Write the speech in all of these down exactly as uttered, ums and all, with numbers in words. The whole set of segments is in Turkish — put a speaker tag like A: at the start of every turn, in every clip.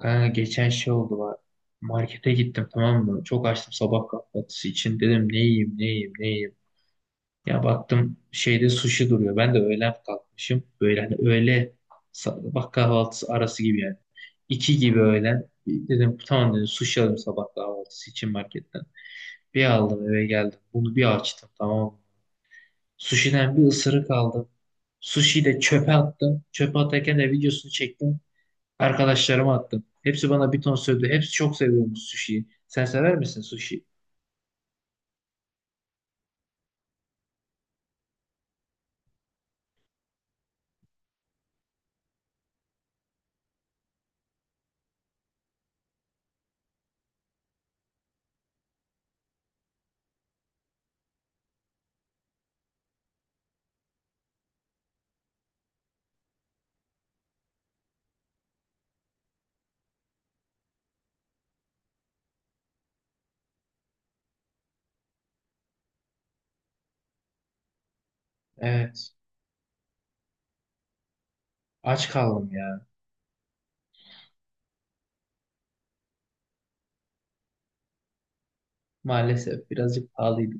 A: Kanka geçen şey oldu var. Markete gittim, tamam mı? Çok açtım sabah kahvaltısı için. Dedim ne yiyeyim, ne yiyeyim, ne yiyeyim. Ya baktım şeyde sushi duruyor. Ben de öğlen kalkmışım. Böyle hani öğle sabah kahvaltısı arası gibi yani. İki gibi öğlen. Dedim tamam, dedim sushi alayım sabah kahvaltısı için marketten. Bir aldım, eve geldim. Bunu bir açtım, tamam mı? Sushi'den bir ısırık aldım. Sushi'yi de çöpe attım. Çöpe atarken de videosunu çektim. Arkadaşlarıma attım. Hepsi bana bir ton söyledi. Hepsi çok seviyormuş sushi'yi. Sen sever misin sushi? Evet. Aç kaldım ya. Maalesef birazcık pahalıydı.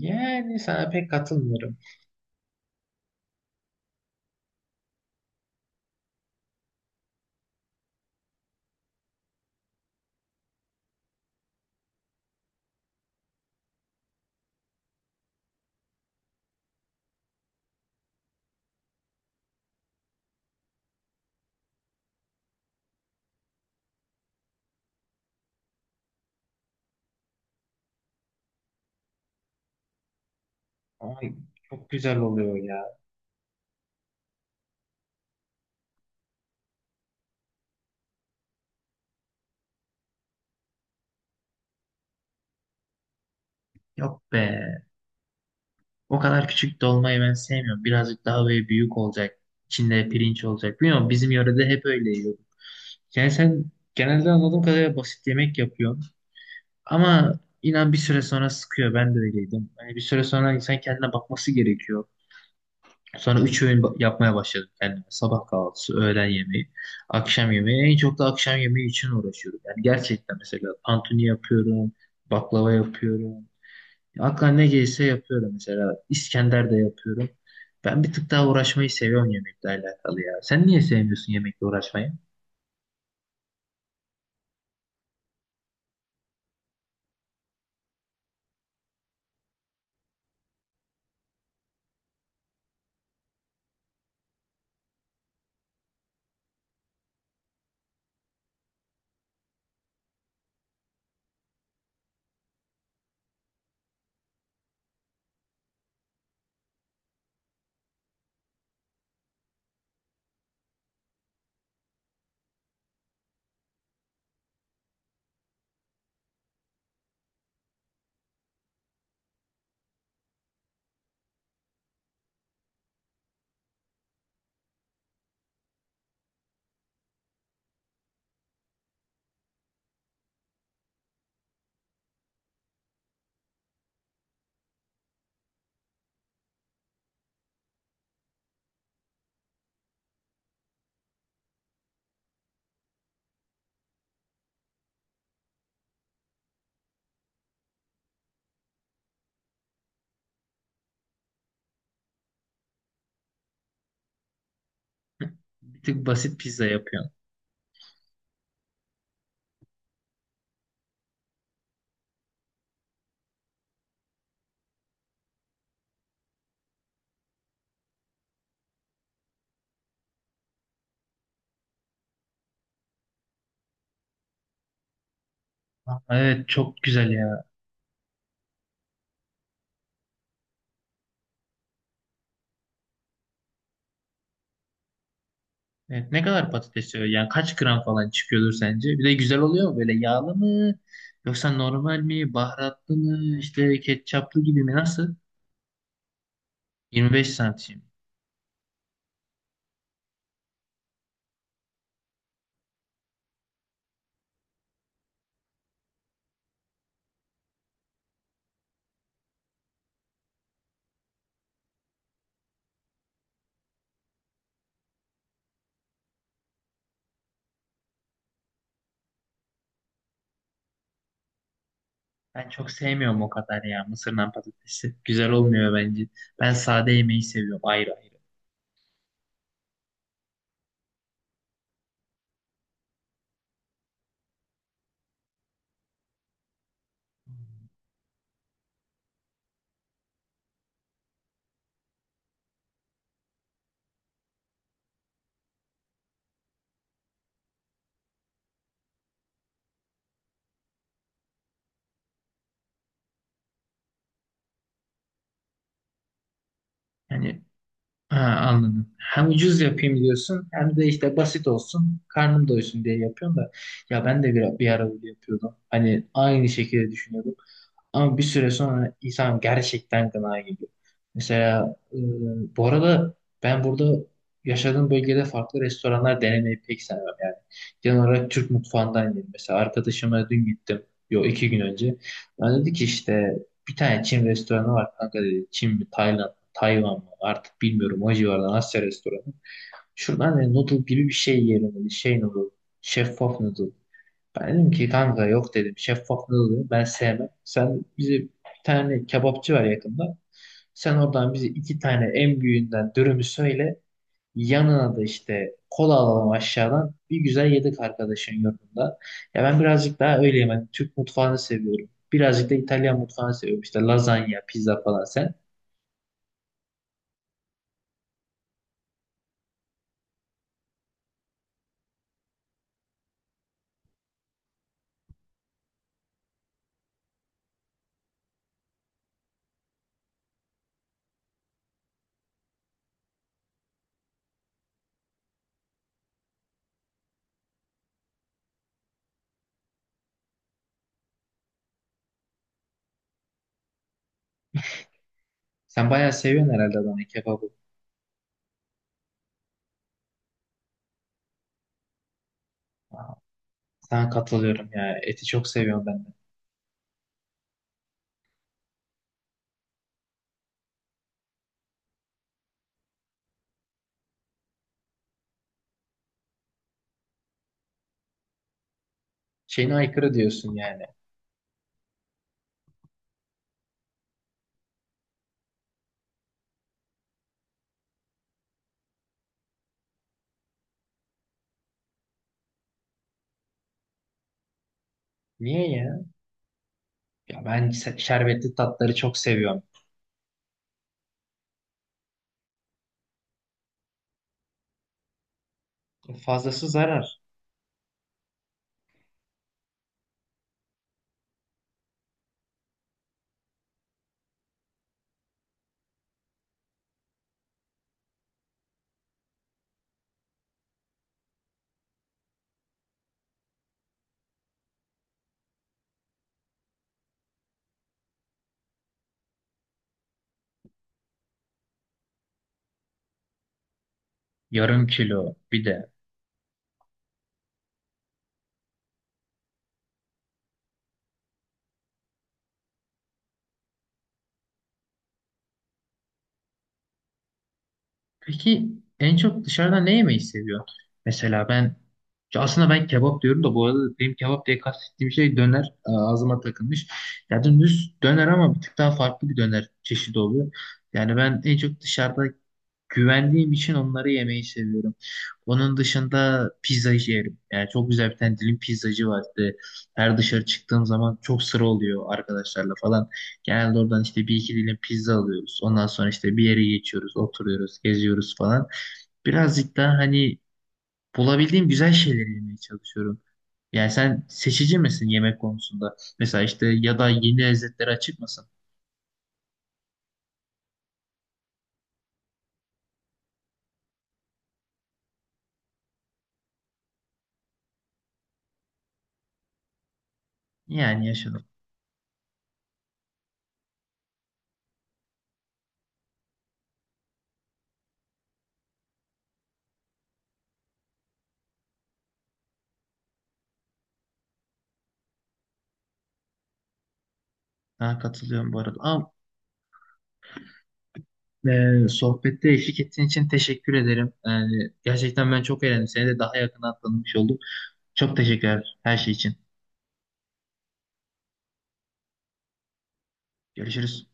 A: Yani sana pek katılmıyorum. Ama çok güzel oluyor ya. Yok be. O kadar küçük dolmayı ben sevmiyorum. Birazcık daha böyle büyük olacak. İçinde pirinç olacak. Bilmiyorum, bizim yörede hep öyle yiyorduk. Yani sen genelde anladığım kadarıyla basit yemek yapıyorsun. Ama inan bir süre sonra sıkıyor. Ben de öyleydim. Hani bir süre sonra insan kendine bakması gerekiyor. Sonra üç öğün ba- yapmaya başladım kendime. Sabah kahvaltısı, öğlen yemeği, akşam yemeği. En çok da akşam yemeği için uğraşıyorum. Yani gerçekten mesela tantuni yapıyorum, baklava yapıyorum. Aklıma ne gelirse yapıyorum mesela. İskender de yapıyorum. Ben bir tık daha uğraşmayı seviyorum yemekle alakalı ya. Sen niye sevmiyorsun yemekle uğraşmayı? Bir tık basit pizza yapıyorsun. Aa, evet, çok güzel ya. Evet, ne kadar patates yiyor? Yani kaç gram falan çıkıyordur sence? Bir de güzel oluyor mu? Böyle yağlı mı? Yoksa normal mi? Baharatlı mı? İşte ketçaplı gibi mi? Nasıl? yirmi beş santim. Ben çok sevmiyorum o kadar ya mısırdan patatesi. Güzel olmuyor bence. Ben sade yemeği seviyorum ayrı ayrı. Yani ha, anladım. Hem ucuz yapayım diyorsun, hem de işte basit olsun. Karnım doysun diye yapıyorsun da. Ya ben de bir, bir ara öyle yapıyordum. Hani aynı şekilde düşünüyordum. Ama bir süre sonra insan gerçekten gına geliyor. Mesela e, bu arada ben burada yaşadığım bölgede farklı restoranlar denemeyi pek sevmem yani. Genel olarak Türk mutfağından yedim. Mesela arkadaşıma dün gittim. Yo, iki gün önce. Ben dedi ki işte bir tane Çin restoranı var kanka dedi. Çin mi, Tayland, Tayvan mı artık bilmiyorum, o civardan Asya restoranı. Şuradan dedi, noodle gibi bir şey yiyelim dedi. Şey noodle. Şeffaf noodle. Ben dedim ki kanka yok, dedim şeffaflığı oluyor ben sevmem. Sen bize bir tane kebapçı var yakında. Sen oradan bize iki tane en büyüğünden dürümü söyle. Yanına da işte kola alalım aşağıdan. Bir güzel yedik arkadaşın yurdunda. Ya ben birazcık daha öyleyim. Ben Türk mutfağını seviyorum. Birazcık da İtalyan mutfağını seviyorum. İşte lazanya, pizza falan sen. Sen bayağı seviyorsun herhalde Adana kebabı. Aa, sana katılıyorum ya. Eti çok seviyorum ben de. Şeyine aykırı diyorsun yani. Niye? Ya ben se- şerbetli tatları çok seviyorum. Fazlası zarar. Yarım kilo bir de. Peki en çok dışarıda ne yemeyi seviyorsun? Mesela ben ya aslında ben kebap diyorum da bu arada benim kebap diye kastettiğim şey döner, e, ağzıma takılmış. Ya düz döner, ama bir tık daha farklı bir döner çeşidi oluyor. Yani ben en çok dışarıda güvendiğim için onları yemeyi seviyorum. Onun dışında pizzacı yerim. Yani çok güzel bir tane dilim pizzacı vardı. Her dışarı çıktığım zaman çok sıra oluyor arkadaşlarla falan. Genelde oradan işte bir iki dilim pizza alıyoruz. Ondan sonra işte bir yere geçiyoruz, oturuyoruz, geziyoruz falan. Birazcık daha hani bulabildiğim güzel şeyleri yemeye çalışıyorum. Yani sen seçici misin yemek konusunda? Mesela işte ya da yeni lezzetlere açık mısın? Yani yaşadım. Daha katılıyorum bu arada. Ama e, sohbette eşlik ettiğin için teşekkür ederim. Yani gerçekten ben çok eğlendim. Seni de daha yakından tanımış oldum. Çok teşekkürler her şey için. Görüşürüz.